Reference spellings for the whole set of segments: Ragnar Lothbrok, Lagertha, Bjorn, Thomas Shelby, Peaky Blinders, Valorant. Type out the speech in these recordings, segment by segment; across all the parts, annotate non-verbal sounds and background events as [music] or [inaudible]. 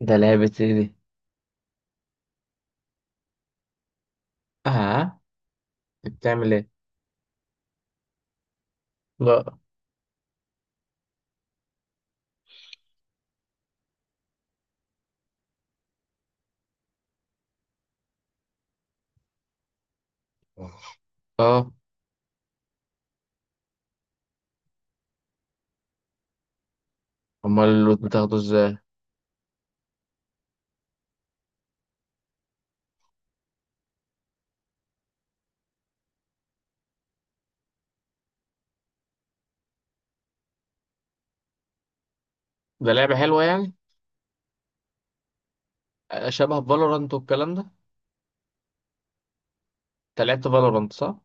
ده لعبة ايه دي؟ اه انت بتعمل ايه؟ لا. اه. امال اللوت بتاخده ازاي؟ ده لعبة حلوة يعني؟ شبه فالورانت والكلام ده؟ انت لعبت فالورانت صح؟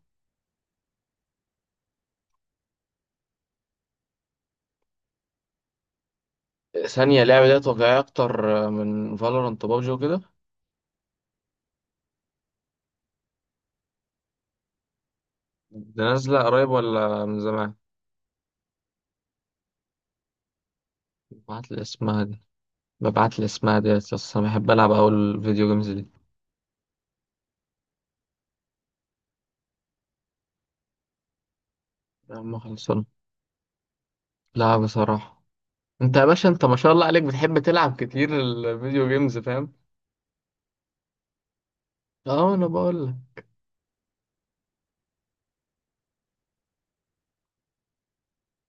ثانية اللعبة دي واقعية أكتر، من فالورانت وبابجي وكده؟ ده نازلة قريب ولا من زمان؟ ببعت لي اسمها دي. ببعت لي اسمها دي، بس أنا بحب ألعب أوي الفيديو جيمز دي. يا عم خلصنا. لا بصراحة. أنت يا باشا أنت ما شاء الله عليك بتحب تلعب كتير الفيديو جيمز، فاهم؟ اه أنا بقول لك.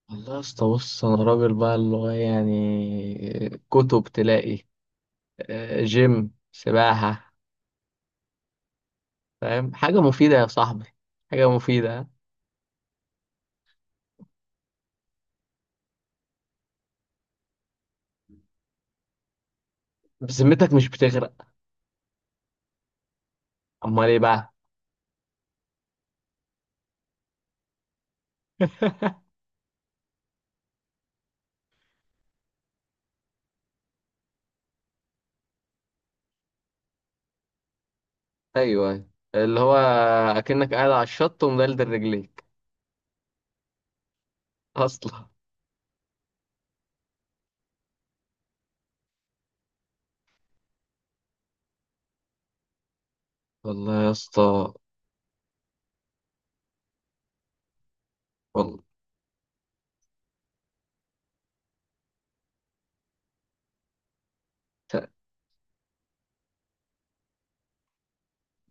والله يا اسطى بص انا راجل بقى، اللي هو يعني كتب تلاقي، جيم، سباحة، فاهم؟ حاجة مفيدة يا صاحبي، حاجة مفيدة. بذمتك مش بتغرق؟ امال ايه بقى؟ [laughs] ايوه أيوة. اللي هو اكنك قاعد على الشط ومدلدل رجليك اصلا. والله يا اسطى. والله.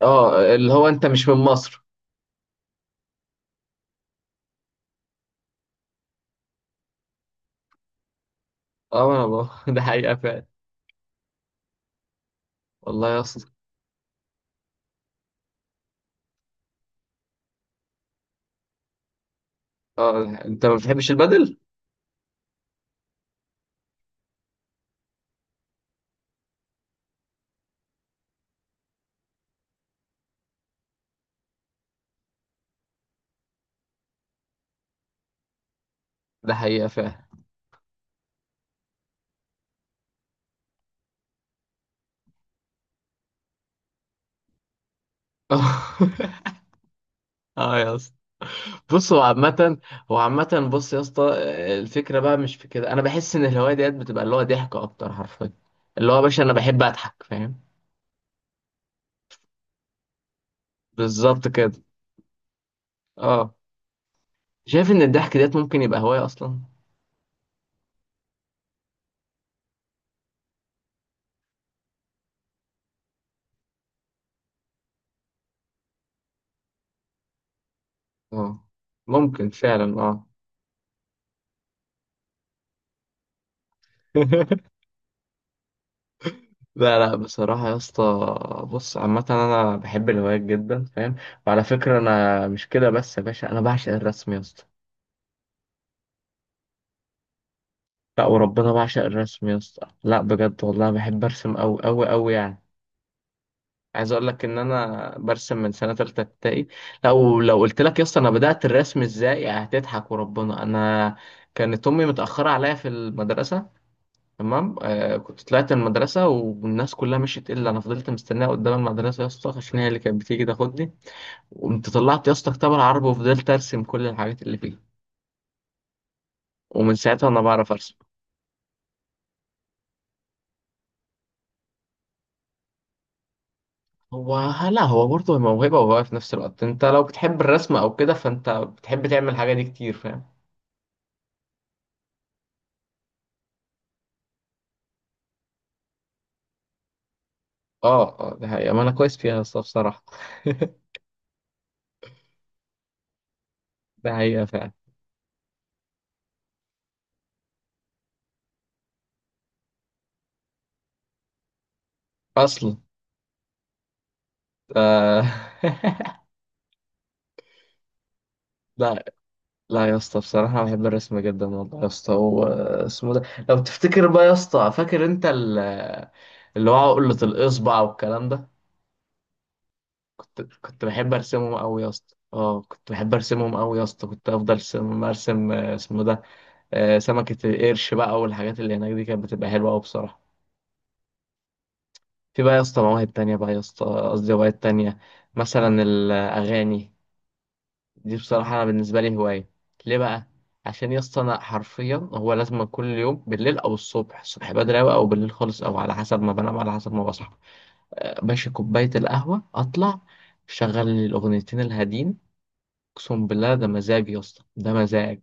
اه، اللي هو انت مش من مصر. اه انا بقى. [laughs] ده حقيقة فعلا. والله يا اسطى. اه انت ما بتحبش البدل. ده حقيقة فعلا. [laughs] اه يا اسطى. بص هو عامة، هو عامة، بص يا اسطى، الفكرة بقى مش في كده، أنا بحس إن الهواية ديت بتبقى اللي هو ضحك أكتر حرفيا. اللي هو يا باشا أنا بحب أضحك، فاهم؟ بالظبط كده. أه. شايف إن الضحك ديت ممكن يبقى هواية أصلا؟ أه، ممكن فعلا أه. [laughs] لا لا بصراحة يا اسطى. بص عامة أنا بحب الهوايات جدا، فاهم؟ وعلى فكرة أنا مش كده بس يا باشا، أنا بعشق الرسم يا اسطى. لا وربنا بعشق الرسم يا اسطى، لا بجد والله بحب أرسم أوي أوي أوي يعني. عايز اقول لك ان انا برسم من سنه تالته ابتدائي. لو قلت لك يا اسطى انا بدات الرسم ازاي هتضحك وربنا. انا كانت امي متاخره عليا في المدرسه، تمام؟ آه، كنت طلعت من المدرسه والناس كلها مشيت الا انا، فضلت مستناها قدام المدرسه يا اسطى عشان هي اللي كانت بتيجي تاخدني. وقمت طلعت يا اسطى كتاب العربي وفضلت ارسم كل الحاجات اللي فيه. ومن ساعتها انا بعرف ارسم. هو، لا هو برضه موهبه، وهو في نفس الوقت انت لو بتحب الرسم او كده فانت بتحب تعمل الحاجه دي كتير، فاهم؟ اه اه، ده حقيقة، ما انا كويس فيها الصراحة بصراحة. [laughs] ده حقيقة فعلا اصلا. آه. [laughs] لا لا يا اسطى بصراحة بحب الرسم جدا والله يا اسطى، واسمه ده. لو تفتكر بقى يا اسطى، فاكر انت اللي هو عقلة الإصبع والكلام ده؟ كنت بحب ارسمهم قوي يا اسطى، اه كنت بحب ارسمهم قوي يا اسطى، كنت افضل ارسم اسمه ده، سمكة القرش بقى، والحاجات اللي هناك دي كانت بتبقى حلوة قوي بصراحة. في بقى يا اسطى مواهب تانية بقى يا اسطى، قصدي هوايات تانية. مثلا الأغاني، دي بصراحة أنا بالنسبة لي هواية. ليه بقى؟ عشان يا اسطى أنا حرفيا، هو لازم كل يوم بالليل أو الصبح، الصبح بدري أوي أو بالليل خالص، أو على حسب ما بنام على حسب ما بصحى، باشا كوباية القهوة أطلع شغل لي الأغنيتين الهادين. أقسم بالله ده مزاج يا اسطى، ده مزاج.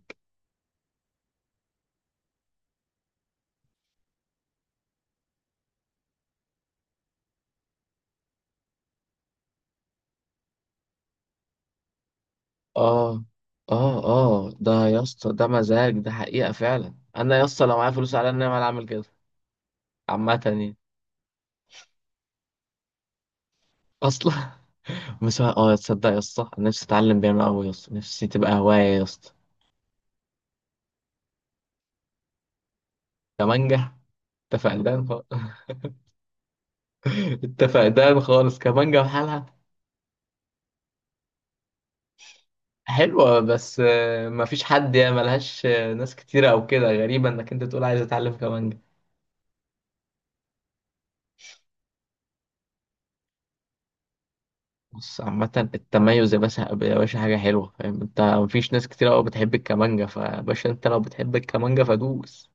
آه. آه ده يا اسطى ده مزاج، ده حقيقة فعلا. أنا يا اسطى لو معايا فلوس على النعمة أنا أعمل كده. عامة يعني. أصلا. اه تصدق يا اسطى أنا نفسي اتعلم بيانو قوي يا اسطى، نفسي تبقى هواية يا اسطى. كمانجا؟ انت فقدان خالص. [laughs] انت فقدان خالص، كمانجا بحالها. حلوة بس، مفيش حد يعني، ملهاش ناس كتيرة او كده، غريبة انك انت تقول عايز اتعلم كمانجا. بص عامة التميز يا باشا، يا باشا حاجة حلوة، فاهم؟ انت مفيش ناس كتيرة قوي بتحب الكمانجا، فباشا انت لو بتحب الكمانجا فدوس.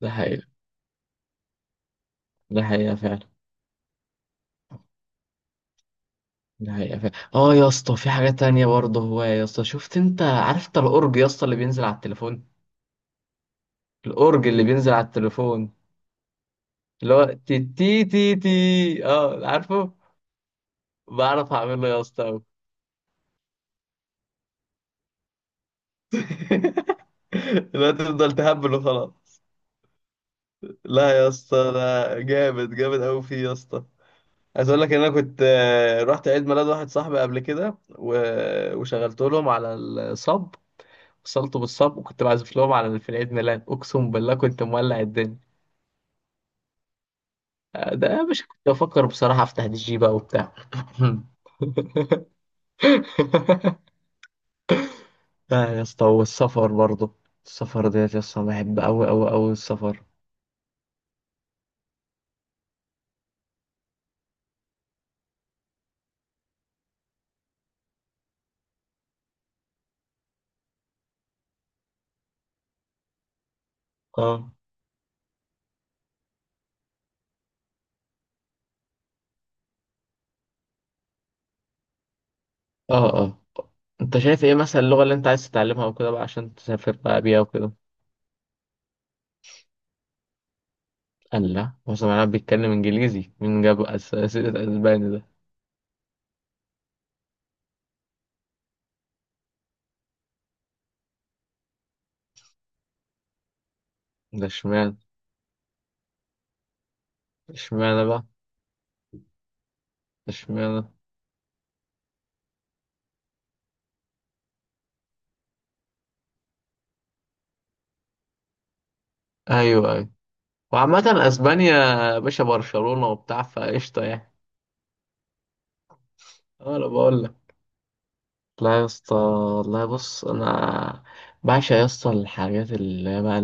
ده حقيقة، ده حقيقة فعلا. ده حقيقة فعلا. اه يا اسطى في حاجة تانية برضه، هو يا اسطى شفت انت، عارف انت الأورج يا اسطى اللي بينزل على التليفون؟ الأورج اللي بينزل على التليفون، اللي هو تي تي تي تي، اه عارفه؟ بعرف اعمله يا اسطى أوي. [laughs] لا تفضل تهبل وخلاص. لا يا اسطى ده جامد جامد قوي فيه يا اسطى. عايز اقول لك ان انا كنت، رحت عيد ميلاد واحد صاحبي قبل كده، وشغلت لهم على الصب، وصلته بالصب وكنت بعزف لهم على في العيد ميلاد، اقسم بالله كنت مولع الدنيا. ده يا باشا كنت بفكر بصراحة أفتح دي جي بقى وبتاع. [laughs] لا يا اسطى، والسفر برضه، السفر ديت يا اسطى بحب أوي أوي أوي السفر. اه اه اه. انت شايف ايه مثلا اللغة اللي انت عايز تتعلمها وكده بقى، عشان تسافر بقى بيها وكده؟ قال لا، هو سمعناه بيتكلم انجليزي، مين جاب اسئلة اسباني ده؟ ده اشمعنى؟ اشمعنى بقى؟ اشمعنى؟ ايوه ايوه. وعامة اسبانيا يا باشا، برشلونة وبتاع، فقشطة يعني. اه انا بقول. لا يا اسطى والله، بص انا بعشق يا اسطى الحاجات اللي هي بقى،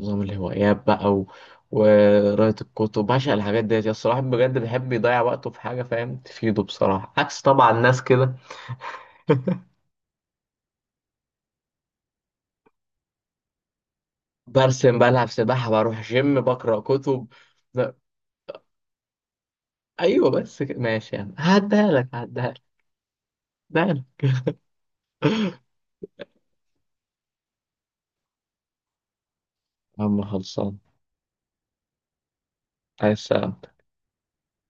نظام الهوايات بقى، و... وقراية الكتب، بعشق الحاجات ديت يا اسطى، الواحد بجد بيحب يضيع وقته في حاجة فاهم تفيده بصراحة، عكس طبعا ناس كده. برسم، بلعب سباحة، بروح جيم، بقرأ كتب. لا. ايوه بس كده ماشي يعني، هعديها لك هعديها لك. لا لا. يا عم خلصان. عايز سلامة.